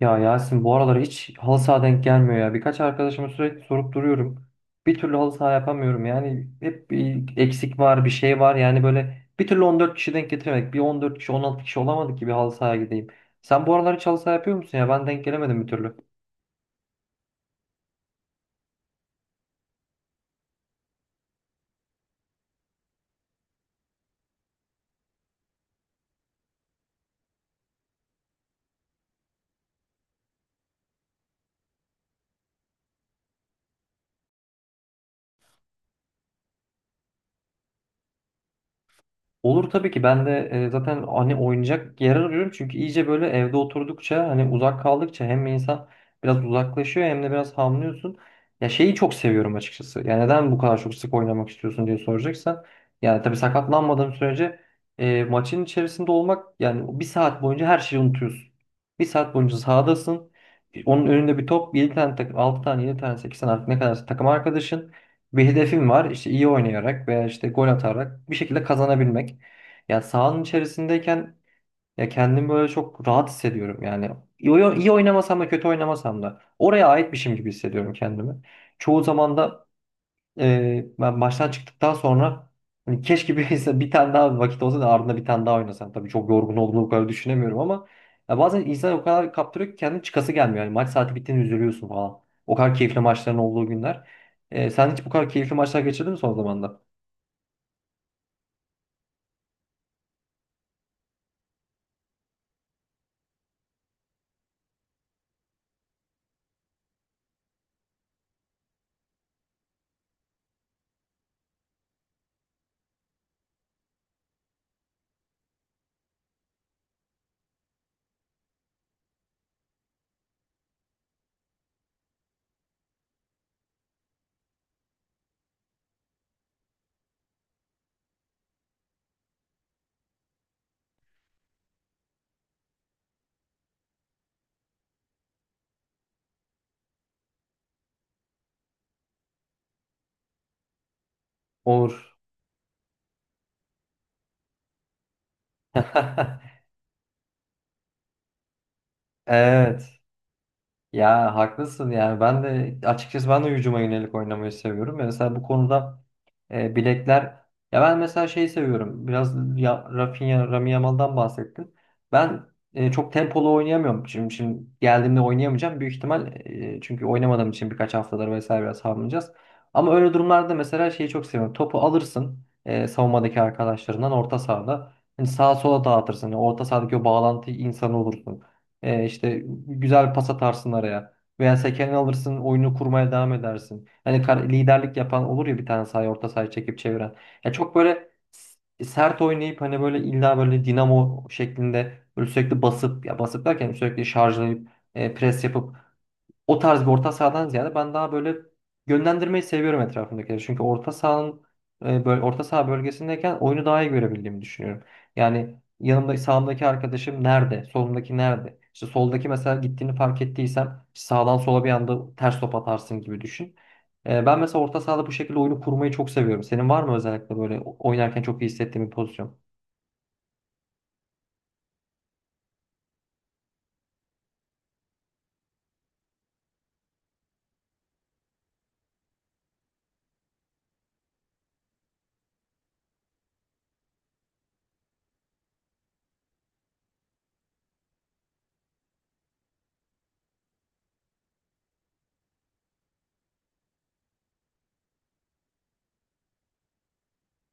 Ya Yasin bu aralar hiç halı saha denk gelmiyor ya. Birkaç arkadaşıma sürekli sorup duruyorum. Bir türlü halı saha yapamıyorum. Yani hep bir eksik var, bir şey var. Yani böyle bir türlü 14 kişi denk getiremedik. Bir 14 kişi, 16 kişi olamadık ki bir halı sahaya gideyim. Sen bu aralar hiç halı saha yapıyor musun ya? Ben denk gelemedim bir türlü. Olur tabii ki ben de zaten hani oynayacak yer arıyorum çünkü iyice böyle evde oturdukça hani uzak kaldıkça hem insan biraz uzaklaşıyor hem de biraz hamlıyorsun. Ya şeyi çok seviyorum açıkçası. Ya neden bu kadar çok sık oynamak istiyorsun diye soracaksan. Yani tabii sakatlanmadığım sürece maçın içerisinde olmak, yani bir saat boyunca her şeyi unutuyorsun. Bir saat boyunca sahadasın. Onun önünde bir top, 7 tane takım, 6 tane, 7 tane, 8 tane artık ne kadar takım arkadaşın. Bir hedefim var. İşte iyi oynayarak veya işte gol atarak bir şekilde kazanabilmek. Yani sahanın içerisindeyken ya kendimi böyle çok rahat hissediyorum. Yani iyi oynamasam da kötü oynamasam da oraya aitmişim gibi hissediyorum kendimi. Çoğu zaman da ben maçtan çıktıktan sonra hani keşke bir, bir tane daha vakit olsa da ardında bir tane daha oynasam. Tabii çok yorgun olduğunu o kadar düşünemiyorum ama ya bazen insan o kadar kaptırıyor ki kendi çıkası gelmiyor. Yani maç saati bittiğinde üzülüyorsun falan. O kadar keyifli maçların olduğu günler. Sen hiç bu kadar keyifli maçlar geçirdin mi son zamanlarda? Olur. Evet. Ya haklısın, yani ben de açıkçası ben de hücuma yönelik oynamayı seviyorum. Ve mesela bu konuda bilekler, ya ben mesela şeyi seviyorum. Biraz ya, Rafinha, Rami Yamal'dan bahsettin. Ben çok tempolu oynayamıyorum. Şimdi geldiğimde oynayamayacağım büyük ihtimal, çünkü oynamadığım için birkaç haftadır vesaire biraz hamlayacağız. Ama öyle durumlarda mesela şeyi çok seviyorum. Topu alırsın, savunmadaki arkadaşlarından orta sahada. Hani sağa sola dağıtırsın. Yani orta sahadaki o bağlantı insanı olursun. İşte güzel bir pas atarsın araya. Veya sekeni alırsın, oyunu kurmaya devam edersin. Hani liderlik yapan olur ya, bir tane sahaya, orta sahaya çekip çeviren. Ya çok böyle sert oynayıp, hani böyle illa böyle dinamo şeklinde böyle sürekli basıp, ya basıp derken sürekli şarjlayıp pres yapıp, o tarz bir orta sahadan ziyade ben daha böyle yönlendirmeyi seviyorum etrafımdakileri. Çünkü orta sahanın böyle orta saha bölgesindeyken oyunu daha iyi görebildiğimi düşünüyorum. Yani yanımda sağımdaki arkadaşım nerede? Solumdaki nerede? İşte soldaki mesela gittiğini fark ettiysem, işte sağdan sola bir anda ters top atarsın gibi düşün. Ben mesela orta sahada bu şekilde oyunu kurmayı çok seviyorum. Senin var mı özellikle böyle oynarken çok iyi hissettiğin bir pozisyon?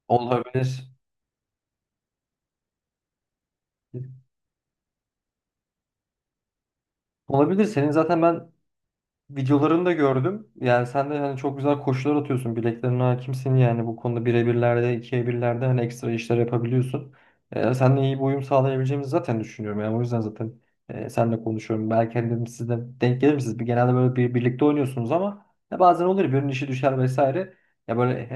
Olabilir. Olabilir. Senin zaten ben videolarını da gördüm. Yani sen de yani çok güzel koşular atıyorsun. Bileklerine hakimsin, yani bu konuda birebirlerde, ikiye birlerde hani ekstra işler yapabiliyorsun. Seninle iyi bir uyum sağlayabileceğimizi zaten düşünüyorum. Yani o yüzden zaten seninle konuşuyorum. Belki hani dedim siz de denk gelir misiniz? Bir, genelde böyle bir, birlikte oynuyorsunuz ama ya bazen olur ya birinin işi düşer vesaire. Ya böyle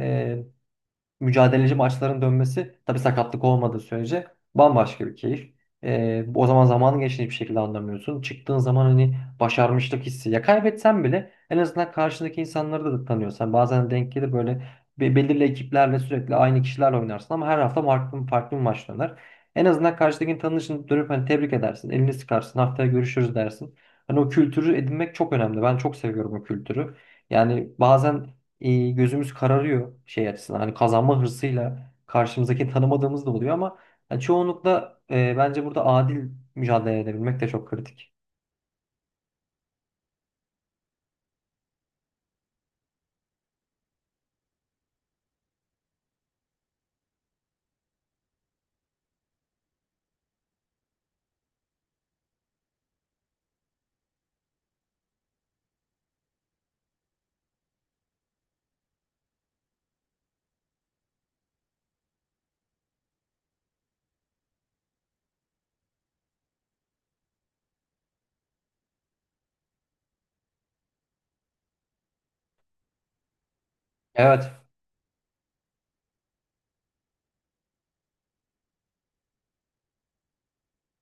mücadeleci maçların dönmesi, tabii sakatlık olmadığı sürece, bambaşka bir keyif. O zaman zamanın geçtiğini bir şekilde anlamıyorsun. Çıktığın zaman hani başarmışlık hissi. Ya kaybetsen bile en azından karşındaki insanları da tanıyorsan bazen denk gelir böyle, belirli ekiplerle sürekli aynı kişilerle oynarsın ama her hafta farklı, farklı bir maç döner. En azından karşıdakini tanışın dönüp hani tebrik edersin, elini sıkarsın, haftaya görüşürüz dersin. Hani o kültürü edinmek çok önemli. Ben çok seviyorum o kültürü. Yani bazen gözümüz kararıyor şey açısından. Hani kazanma hırsıyla karşımızdaki tanımadığımız da oluyor ama yani çoğunlukla bence burada adil mücadele edebilmek de çok kritik. Evet.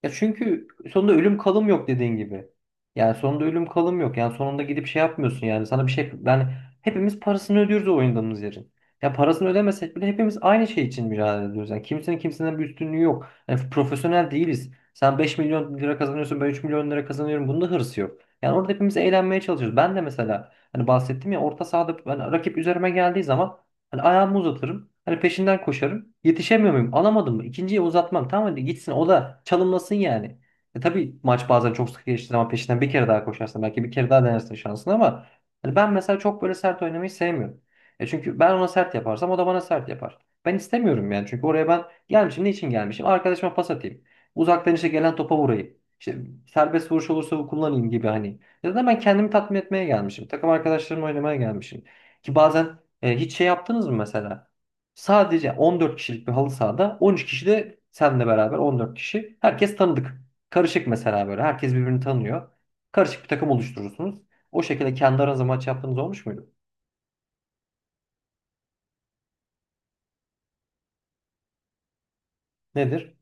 Ya çünkü sonunda ölüm kalım yok, dediğin gibi. Yani sonunda ölüm kalım yok. Yani sonunda gidip şey yapmıyorsun, yani sana bir şey, yani hepimiz parasını ödüyoruz o oynadığımız yerin. Ya parasını ödemesek bile hepimiz aynı şey için mücadele ediyoruz. Yani kimsenin bir üstünlüğü yok. Yani profesyonel değiliz. Sen 5 milyon lira kazanıyorsun, ben 3 milyon lira kazanıyorum. Bunda hırsı yok. Yani orada hepimiz eğlenmeye çalışıyoruz. Ben de mesela hani bahsettim ya, orta sahada ben rakip üzerime geldiği zaman hani ayağımı uzatırım. Hani peşinden koşarım. Yetişemiyor muyum? Alamadım mı? İkinciye uzatmam. Tamam, hadi gitsin. O da çalımlasın yani. E tabii maç bazen çok sık geçti ama peşinden bir kere daha koşarsın. Belki bir kere daha denersin şansını ama hani ben mesela çok böyle sert oynamayı sevmiyorum. E çünkü ben ona sert yaparsam o da bana sert yapar. Ben istemiyorum yani. Çünkü oraya ben gelmişim. Ne için gelmişim? Arkadaşıma pas atayım. Uzaktan işte gelen topa vurayım. İşte serbest vuruş olursa kullanayım gibi hani. Ya da ben kendimi tatmin etmeye gelmişim. Takım arkadaşlarımla oynamaya gelmişim. Ki bazen hiç şey yaptınız mı mesela? Sadece 14 kişilik bir halı sahada 13 kişi, de senle beraber 14 kişi. Herkes tanıdık. Karışık mesela böyle. Herkes birbirini tanıyor. Karışık bir takım oluşturursunuz. O şekilde kendi aranızda maç yaptığınız olmuş muydu? Nedir?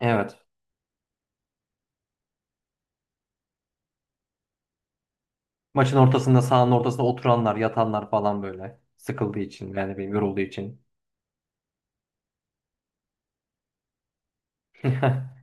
Evet. Maçın ortasında, sahanın ortasında oturanlar, yatanlar falan böyle. Sıkıldığı için, yani benim yorulduğu için.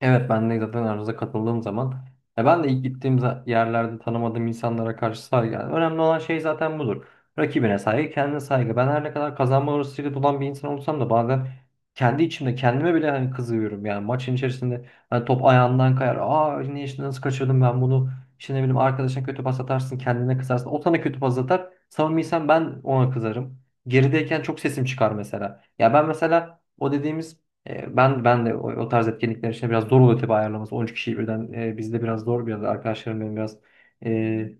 Evet, ben de zaten aranıza katıldığım zaman, ya ben de ilk gittiğim yerlerde tanımadığım insanlara karşı saygı. Yani önemli olan şey zaten budur. Rakibine saygı, kendine saygı. Ben her ne kadar kazanma hırsıyla dolan bir insan olsam da bazen kendi içimde kendime bile hani kızıyorum. Yani maçın içerisinde hani top ayağından kayar. Aa, ne işte, nasıl kaçırdım ben bunu? İşte ne bileyim, arkadaşına kötü pas atarsın, kendine kızarsın. O sana kötü pas atar. Savunmaysan ben ona kızarım. Gerideyken çok sesim çıkar mesela. Ya ben mesela o dediğimiz ben de o tarz etkinlikler için biraz zor oluyor tabii ayarlaması. 13 kişiyi birden bizde biraz zor, biraz arkadaşlarım benim biraz e,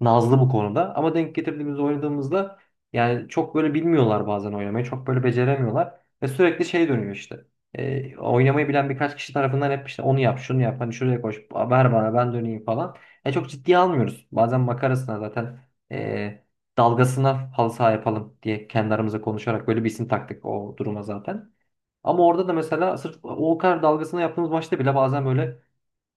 nazlı bu konuda. Ama denk getirdiğimiz oynadığımızda, yani çok böyle bilmiyorlar bazen oynamayı. Çok böyle beceremiyorlar ve sürekli şey dönüyor işte. Oynamayı bilen birkaç kişi tarafından hep işte onu yap, şunu yap, hani şuraya koş, ver bana ben döneyim falan. Çok ciddiye almıyoruz. Bazen makarasına zaten e, dalgasına halı saha yapalım diye kendi aramızda konuşarak böyle bir isim taktık o duruma zaten. Ama orada da mesela sırf o kadar dalgasına yaptığımız maçta bile bazen böyle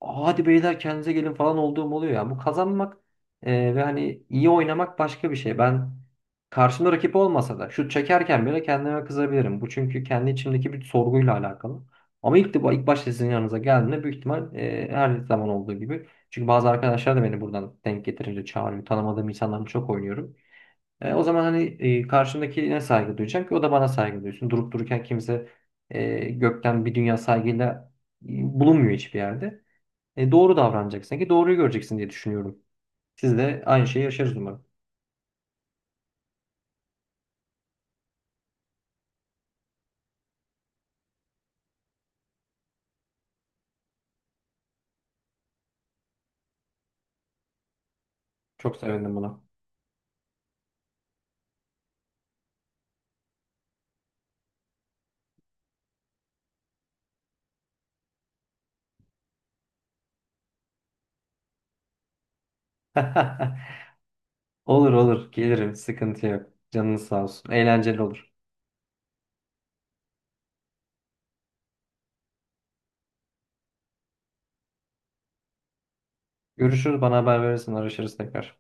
"Aa, hadi beyler kendinize gelin" falan olduğum oluyor ya. Bu kazanmak ve hani iyi oynamak başka bir şey. Ben karşımda rakip olmasa da şut çekerken bile kendime kızabilirim. Bu çünkü kendi içimdeki bir sorguyla alakalı. Ama ilk başta sizin yanınıza geldiğimde büyük ihtimal her zaman olduğu gibi. Çünkü bazı arkadaşlar da beni buradan denk getirince çağırıyor. Tanımadığım insanlarla çok oynuyorum. O zaman hani karşımdakine saygı duyacağım ki o da bana saygı duysun. Durup dururken kimse gökten bir dünya saygıyla bulunmuyor hiçbir yerde. Doğru davranacaksın ki doğruyu göreceksin diye düşünüyorum. Siz de aynı şeyi yaşarız umarım. Çok sevindim buna. Olur olur, gelirim, sıkıntı yok. Canınız sağ olsun. Eğlenceli olur. Görüşürüz, bana haber verirsin, araşırız tekrar.